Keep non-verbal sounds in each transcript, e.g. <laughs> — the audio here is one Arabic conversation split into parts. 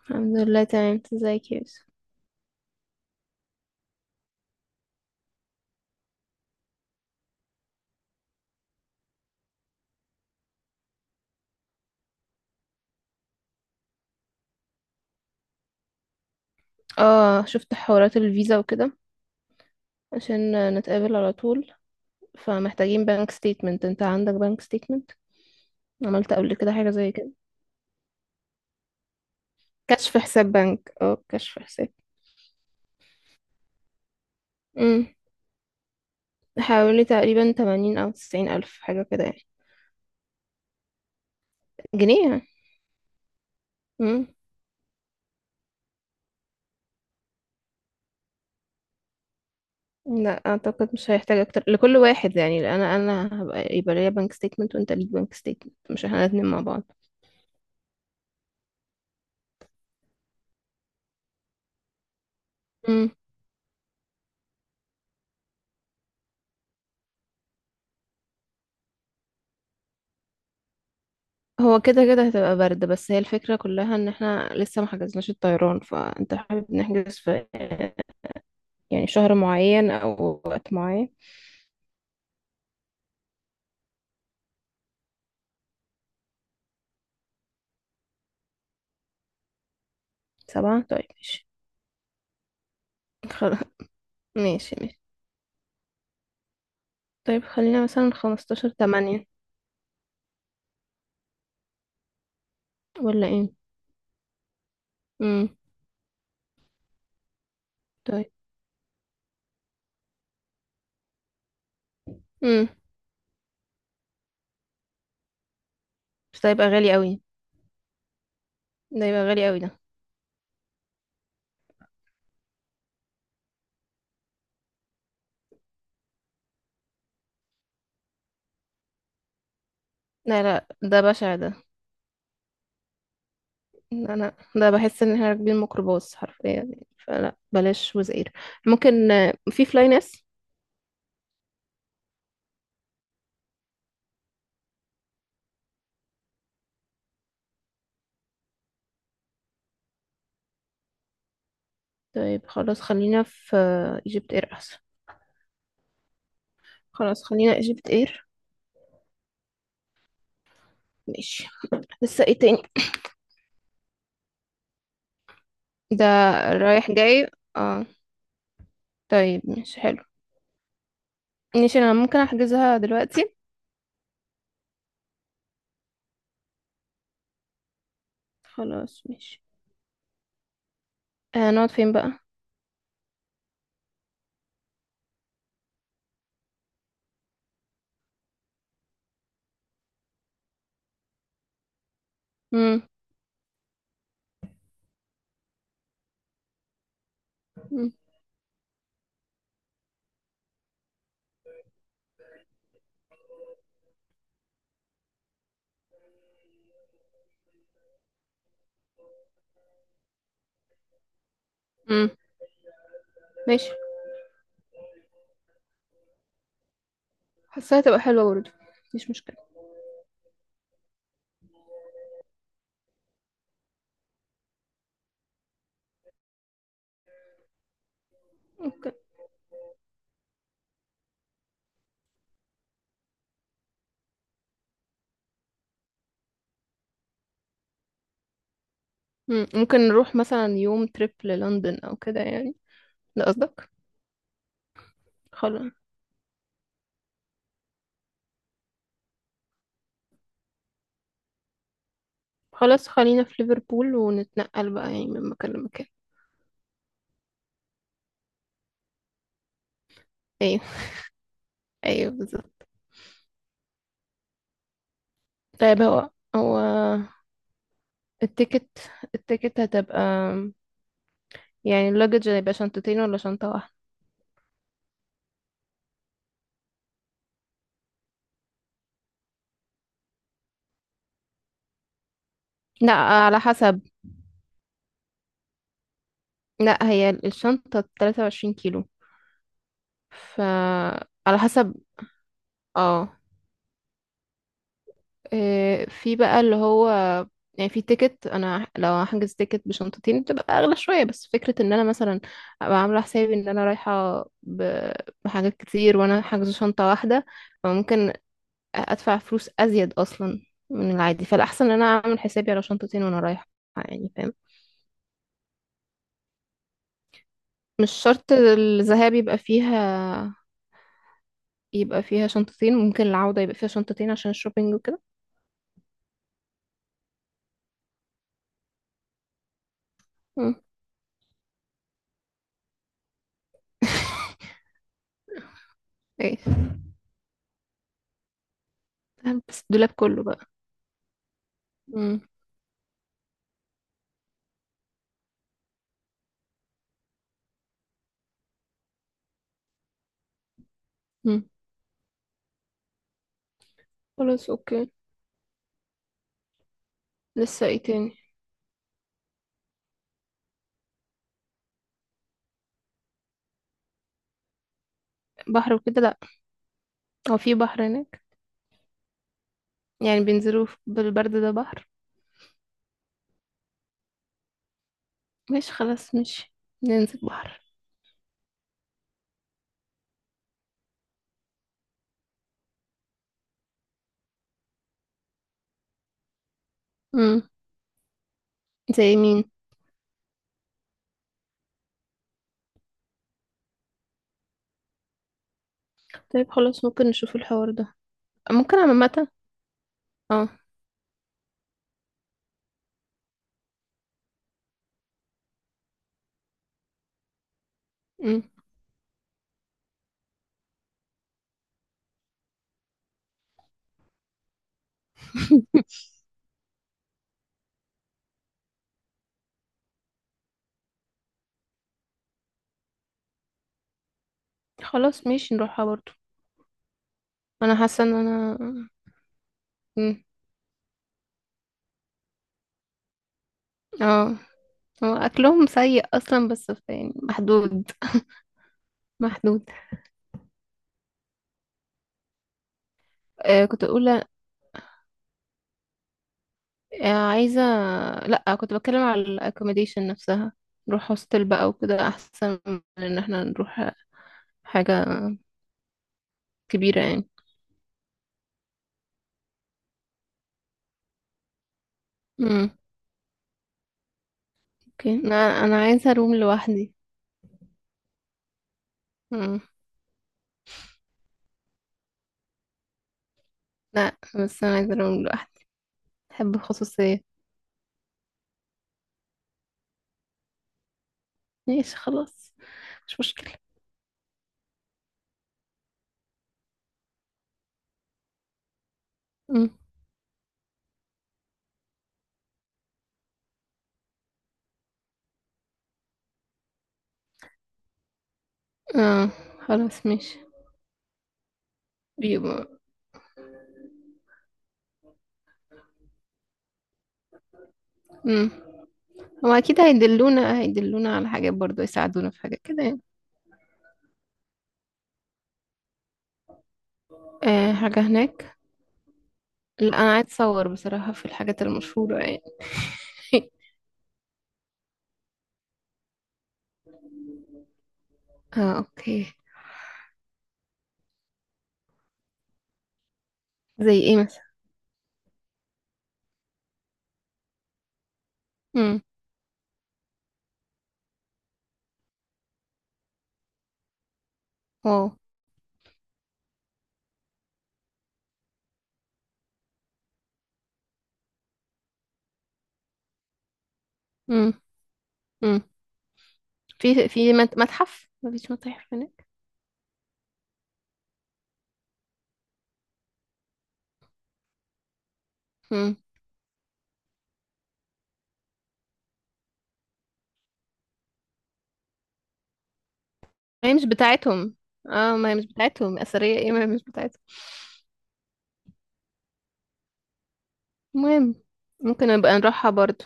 الحمد لله تمام. انت ازيك يا يوسف؟ اه شفت حوارات الفيزا وكده عشان نتقابل على طول. فمحتاجين بنك ستيتمنت. انت عندك بنك ستيتمنت؟ عملت قبل كده حاجة زي كده؟ كشف حساب بنك، اه كشف حساب. امم حوالي تقريبا 80 او 90 الف حاجة كده يعني. جنيه يعني. امم لا اعتقد مش هيحتاج اكتر لكل واحد يعني. انا هبقى يبقى ليا بنك ستيتمنت وانت ليك بنك ستيتمنت، مش احنا الاتنين مع بعض. هو كده كده هتبقى برد، بس هي الفكرة كلها ان احنا لسه ما حجزناش الطيران. فانت حابب نحجز في <laughs> يعني شهر معين او وقت معين؟ سبعة طيب ماشي. خلاص ماشي ماشي. طيب خلينا مثلا خمستاشر تمانية، ولا ايه؟ امم طيب. امم بس ده يبقى غالي قوي. ده يبقى غالي قوي ده. لا لا، ده بشع ده. انا ده بحس ان احنا راكبين ميكروباص حرفيا يعني. فلا بلاش وزير. ممكن في فلاي ناس. طيب خلاص خلينا في ايجيبت اير احسن. خلاص خلينا ايجيبت اير. ماشي. لسه ايه تاني؟ ده رايح جاي. اه طيب ماشي حلو. ماشي انا ممكن احجزها دلوقتي. خلاص ماشي. آه نقعد فين بقى؟ مم. مم. مم. ماشي، حاساها تبقى حلوة برضه. مفيش مشكلة. ممكن. مم. ممكن نروح مثلا يوم تريب للندن او كده يعني؟ ده قصدك؟ خلاص. خلاص خلينا في ليفربول ونتنقل بقى يعني من مكان لمكان. ايوه ايوه، بالظبط. طيب هو التيكت التيكت هتبقى، يعني اللوجج هيبقى شنطتين ولا شنطة واحدة؟ لا على حسب. لا هي الشنطة 23 كيلو. ف على حسب. اه. إيه، في بقى اللي هو، يعني في تيكت. انا لو هحجز تيكت بشنطتين بتبقى اغلى شوية، بس فكرة ان انا مثلا ابقى عاملة حسابي ان انا رايحة بحاجات كتير وانا حاجزة شنطة واحدة. فممكن ادفع فلوس ازيد اصلا من العادي. فالاحسن ان انا اعمل حسابي على شنطتين وانا رايحة. يعني فاهم؟ مش شرط الذهاب يبقى فيها يبقى فيها شنطتين، ممكن العودة يبقى فيها شنطتين عشان الشوبينج وكده. مم. <laughs> ايه، هلبس الدولاب كله بقى. مم. مم. خلاص اوكي. لسه ايه تاني؟ بحر وكده لا. هو في بحر هناك؟ يعني بينزلوا بالبرد ده بحر؟ ماشي خلاص ماشي، ننزل بحر. مم. زي مين؟ طيب خلاص، ممكن نشوف الحوار ده. ممكن عامة. اه. مم. <laughs> خلاص ماشي، نروحها برضو. انا حاسه ان انا. مم. اه، هو اكلهم سيء اصلا بس يعني محدود. محدود. آه كنت اقول، آه عايزه. لا كنت بتكلم على الاكوموديشن نفسها. نروح هوستل بقى وكده احسن من ان احنا نروح حاجه. كبيره يعني. امم اوكي. انا عايزه روم لوحدي. امم لا بس انا عايزه روم لوحدي. بحب الخصوصيه. ماشي خلاص، مش مشكله. امم اه خلاص ماشي. بيبقى. امم هو اكيد هيدلونا على حاجات برضو، يساعدونا في حاجات كده يعني. آه حاجة هناك. لا أنا عايز أصور بصراحة في الحاجات المشهورة يعني. <laughs> اه أوكي. زي إيه مثلا؟ امم واو. امم امم في متحف. مفيش متاحف هناك؟ امم هي مش بتاعتهم. اه ما هي مش بتاعتهم أثرية. ايه ما هي مش بتاعتهم. المهم، ممكن نبقى نروحها برضو.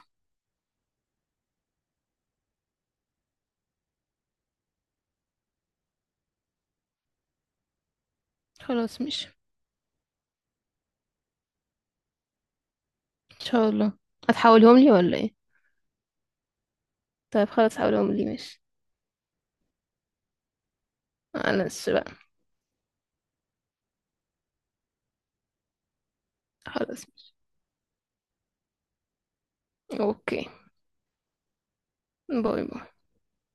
خلاص مش. ان شاء الله. هتحولهم لي ولا ايه؟ طيب خلاص حولهم لي. ماشي، معلش بقى. خلاص ماشي اوكي. باي باي.